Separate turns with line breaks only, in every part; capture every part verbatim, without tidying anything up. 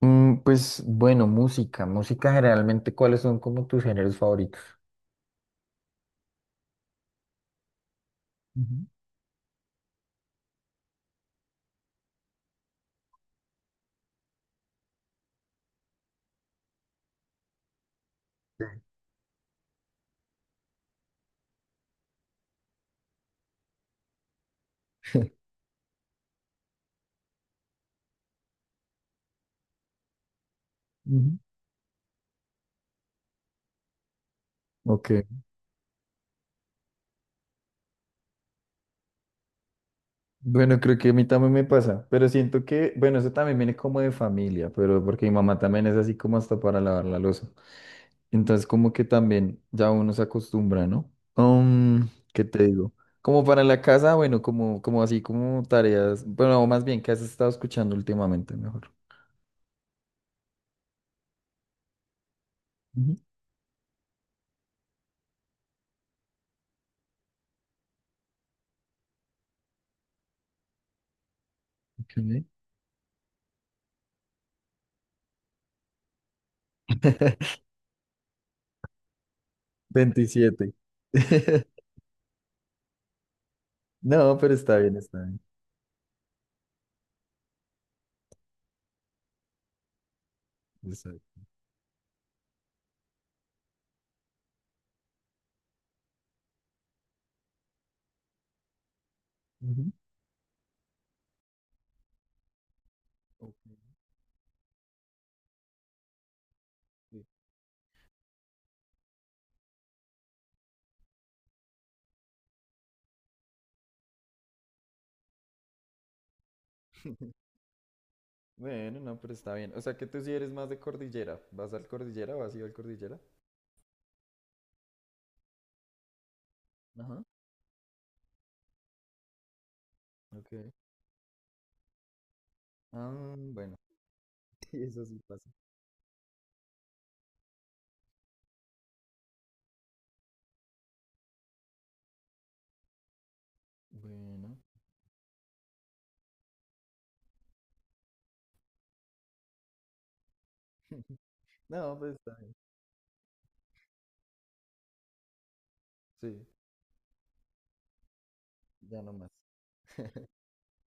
Mm, pues bueno, música, música generalmente, ¿cuáles son como tus géneros favoritos? Ujú, ujú. Ok, bueno, creo que a mí también me pasa, pero siento que, bueno, eso también viene como de familia, pero porque mi mamá también es así como hasta para lavar la loza. Entonces, como que también ya uno se acostumbra, ¿no? Um, ¿qué te digo? Como para la casa, bueno, como, como así como tareas, bueno, o más bien, ¿qué has estado escuchando últimamente mejor? Ujú, ok. veintisiete. No, pero está bien, está bien. Está bien. Ujú. Ok, sí. Bueno, no, pero está bien. O sea que tú sí eres más de cordillera. ¿Vas al cordillera o has ido al cordillera? Ajá, ok. Ah, bueno, sí, eso sí pasa. Bueno. No, pues está bien. Sí, ya no más.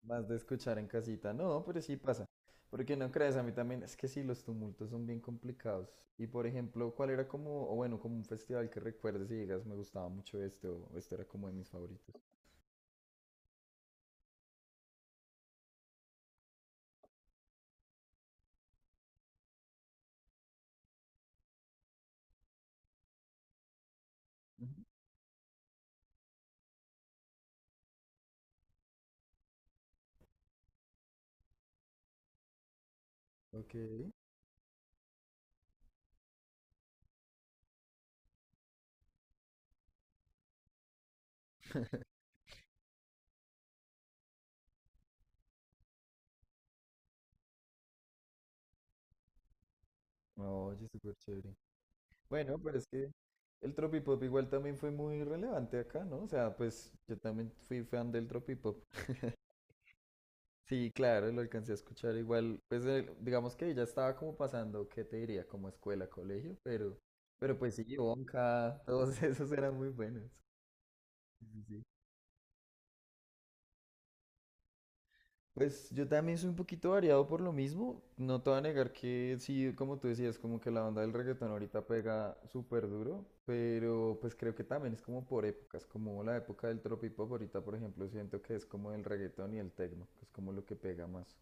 Más de escuchar en casita. No, pero sí pasa. Porque no crees, a mí también. Es que sí, los tumultos son bien complicados. Y por ejemplo, ¿cuál era como, o bueno, como un festival que recuerdes y digas, me gustaba mucho este, o este era como de mis favoritos? Ujú. Ok. Oye, súper chévere. Bueno, pero es que el tropipop igual también fue muy relevante acá, ¿no? O sea, pues yo también fui fan del tropipop. Sí, claro, lo alcancé a escuchar igual. Pues el- digamos que ya estaba como pasando, ¿qué te diría? Como escuela, colegio, pero, pero pues sí, Bonka, todos esos eran muy buenos. Sí, sí, sí. Pues yo también soy un poquito variado por lo mismo. No te voy a negar que sí, como tú decías, como que la onda del reggaetón ahorita pega súper duro, pero pues creo que también es como por épocas, como la época del tropipop ahorita, por ejemplo, siento que es como el reggaetón y el tecno, que es como lo que pega más.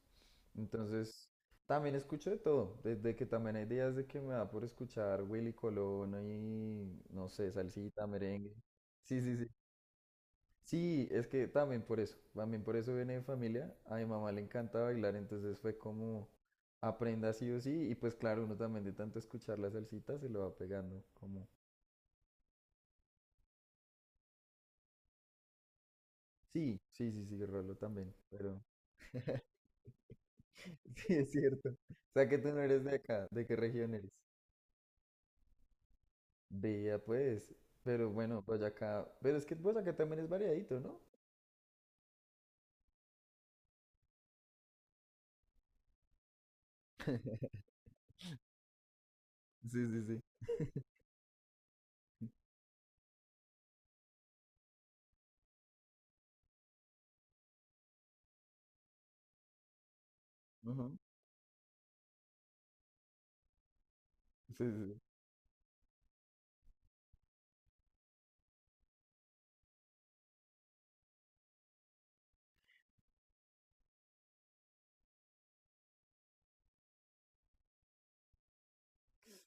Entonces, también escucho de todo, desde que también hay días de que me da por escuchar Willy Colón y, no sé, salsita, merengue. Sí, sí, sí. Sí, es que también por eso, también por eso viene de familia. A mi mamá le encanta bailar, entonces fue como aprenda sí o sí. Y pues claro, uno también de tanto escuchar la salsita se lo va pegando, como sí, sí, sí, sí, Rolo también, pero sí, es cierto. O sea que tú no eres de acá, ¿de qué región eres? Vea pues, pero bueno, Boyacá, pero es que Boyacá también es variadito, ¿no? Sí, sí, sí. Ujú. Sí, sí, sí.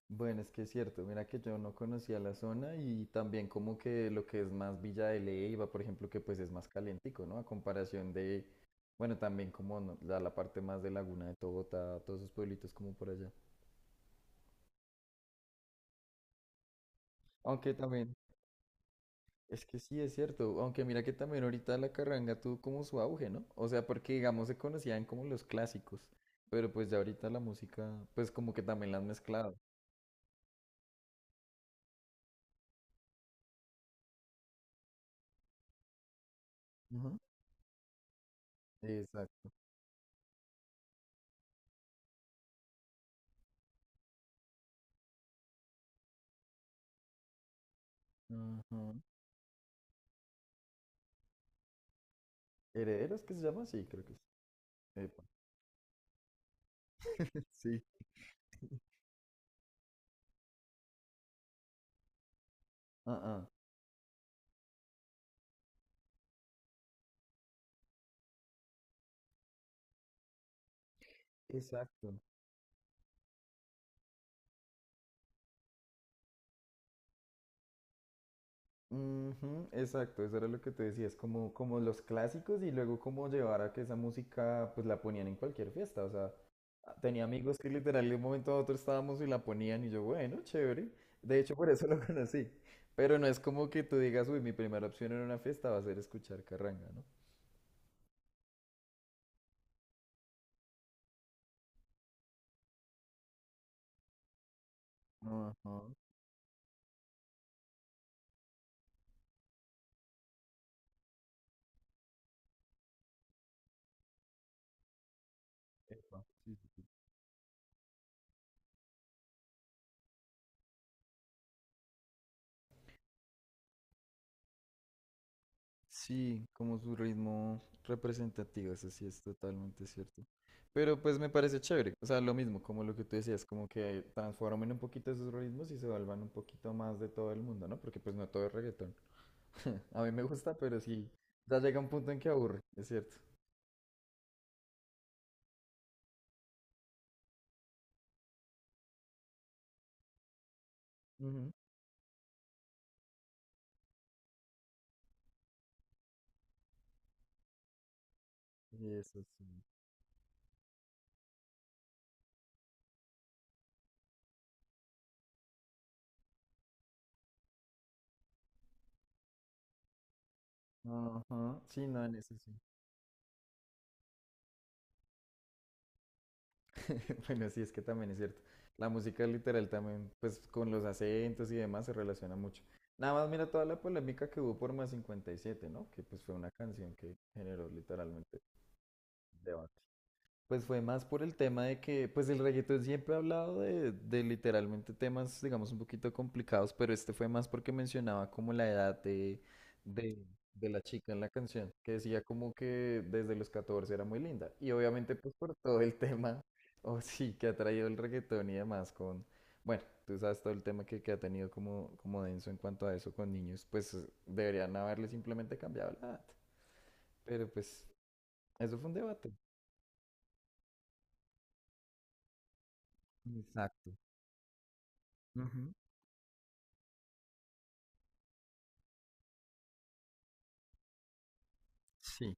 Bueno, es que es cierto, mira que yo no conocía la zona y también como que lo que es más Villa de Leyva, por ejemplo, que pues es más calientico, ¿no? A comparación de, bueno, también como no- la, la parte más de Laguna de Togota, todos esos pueblitos como por allá. Aunque también, es que sí es cierto, aunque mira que también ahorita la carranga tuvo como su auge, ¿no? O sea, porque digamos se conocían como los clásicos, pero pues ya ahorita la música, pues como que también la han mezclado. Ujú. Exacto. Ujú. Herederos que se llama, sí, creo que sí. Epa. Sí. Ah, ah. Exacto. Ujú, exacto, eso era lo que te decía, es como, como, los clásicos y luego como llevar a que esa música pues la ponían en cualquier fiesta, o sea, ah, tenía amigos que literal de un momento a otro estábamos y la ponían y yo, bueno, chévere, de hecho por eso lo conocí, pero no es como que tú digas, uy, mi primera opción en una fiesta va a ser escuchar carranga, ¿no? Ajá. Epa. Sí, sí. Sí, como su ritmo representativo, eso sí es totalmente cierto. Pero pues me parece chévere, o sea, lo mismo, como lo que tú decías, como que transformen un poquito esos ritmos y se vuelvan un poquito más de todo el mundo, ¿no? Porque pues no todo es reggaetón. A mí me gusta, pero sí, ya llega un punto en que aburre, es cierto. Ujú. Y eso sí. Ajá, sí, no, en eso sí. Bueno, sí, es que también es cierto. La música literal también, pues con los acentos y demás se relaciona mucho. Nada más mira toda la polémica que hubo por Más cincuenta y siete, ¿no? Que pues fue una canción que generó literalmente debate. Pues fue más por el tema de que, pues el reggaetón siempre ha hablado de, de literalmente temas, digamos, un poquito complicados, pero este fue más porque mencionaba como la edad de, de, de la chica en la canción, que decía como que desde los catorce era muy linda. Y obviamente pues por todo el tema, o sí, que ha traído el reggaetón y demás con, bueno, tú sabes todo el tema que, que ha tenido como, como denso en cuanto a eso con niños, pues deberían haberle simplemente cambiado la edad. Pero pues eso fue un debate. Exacto. Ujú. Sí.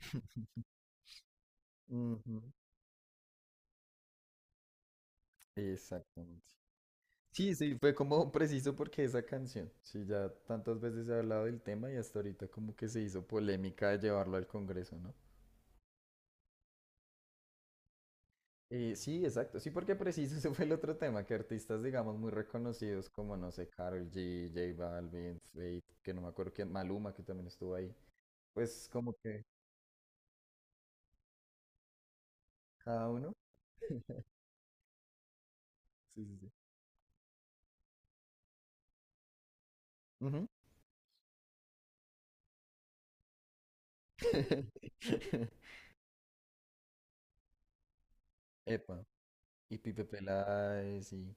Ujú, exactamente. Sí, sí, fue como preciso porque esa canción, sí, ya tantas veces se ha hablado del tema y hasta ahorita como que se hizo polémica de llevarlo al Congreso, ¿no? Eh, sí, exacto, sí, porque preciso ese fue el otro tema, que artistas, digamos, muy reconocidos como, no sé, Karol G, J Balvin, Fate, que no me acuerdo quién, Maluma, que también estuvo ahí, pues como que cada uno. Sí, sí, sí. Ujú. Epa, y Pipe Peláez, y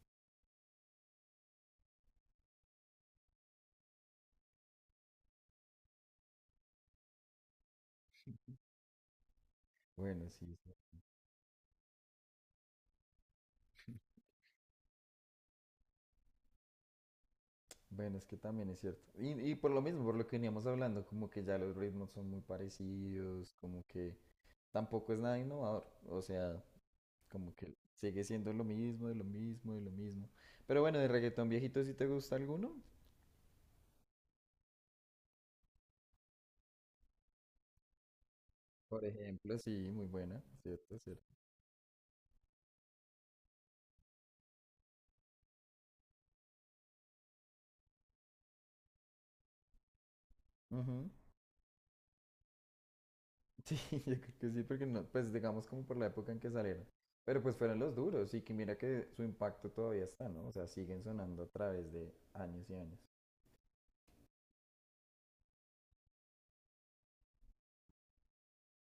bueno, sí. Sí. Bueno, es que también es cierto. Y, y por lo mismo, por lo que veníamos hablando, como que ya los ritmos son muy parecidos, como que tampoco es nada innovador. O sea, como que sigue siendo lo mismo, de lo mismo, de lo mismo. Pero bueno, de reggaetón viejito, ¿si te gusta alguno? Por ejemplo, sí, muy buena, cierto, cierto. Ujú. Sí, yo creo que sí, porque no, pues digamos como por la época en que salieron. Pero pues fueron los duros y que mira que su impacto todavía está, ¿no? O sea, siguen sonando a través de años y años.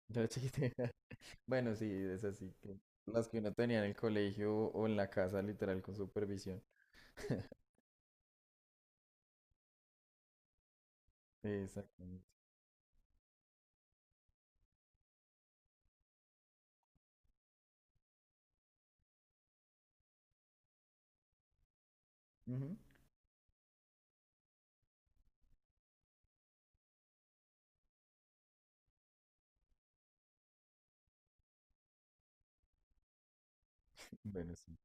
Yo chiquito. Bueno, sí, es así, que las que uno tenía en el colegio o en la casa, literal, con supervisión. Exactamente. Ujú. Bueno, sí.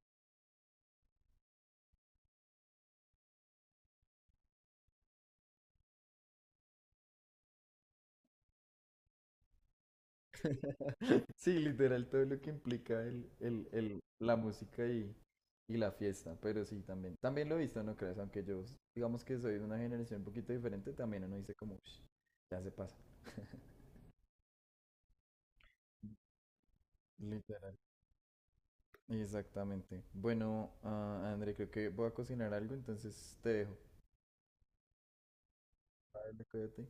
Sí, literal, todo lo que implica el, el, el, la música y, y la fiesta, pero sí, también. También lo he visto, no creas, aunque yo, digamos que soy de una generación un poquito diferente, también uno dice como, "Ush, ya se pasa." Literal. Exactamente. Bueno, ah, André, creo que voy a cocinar algo, entonces te dejo. Vale, cuídate.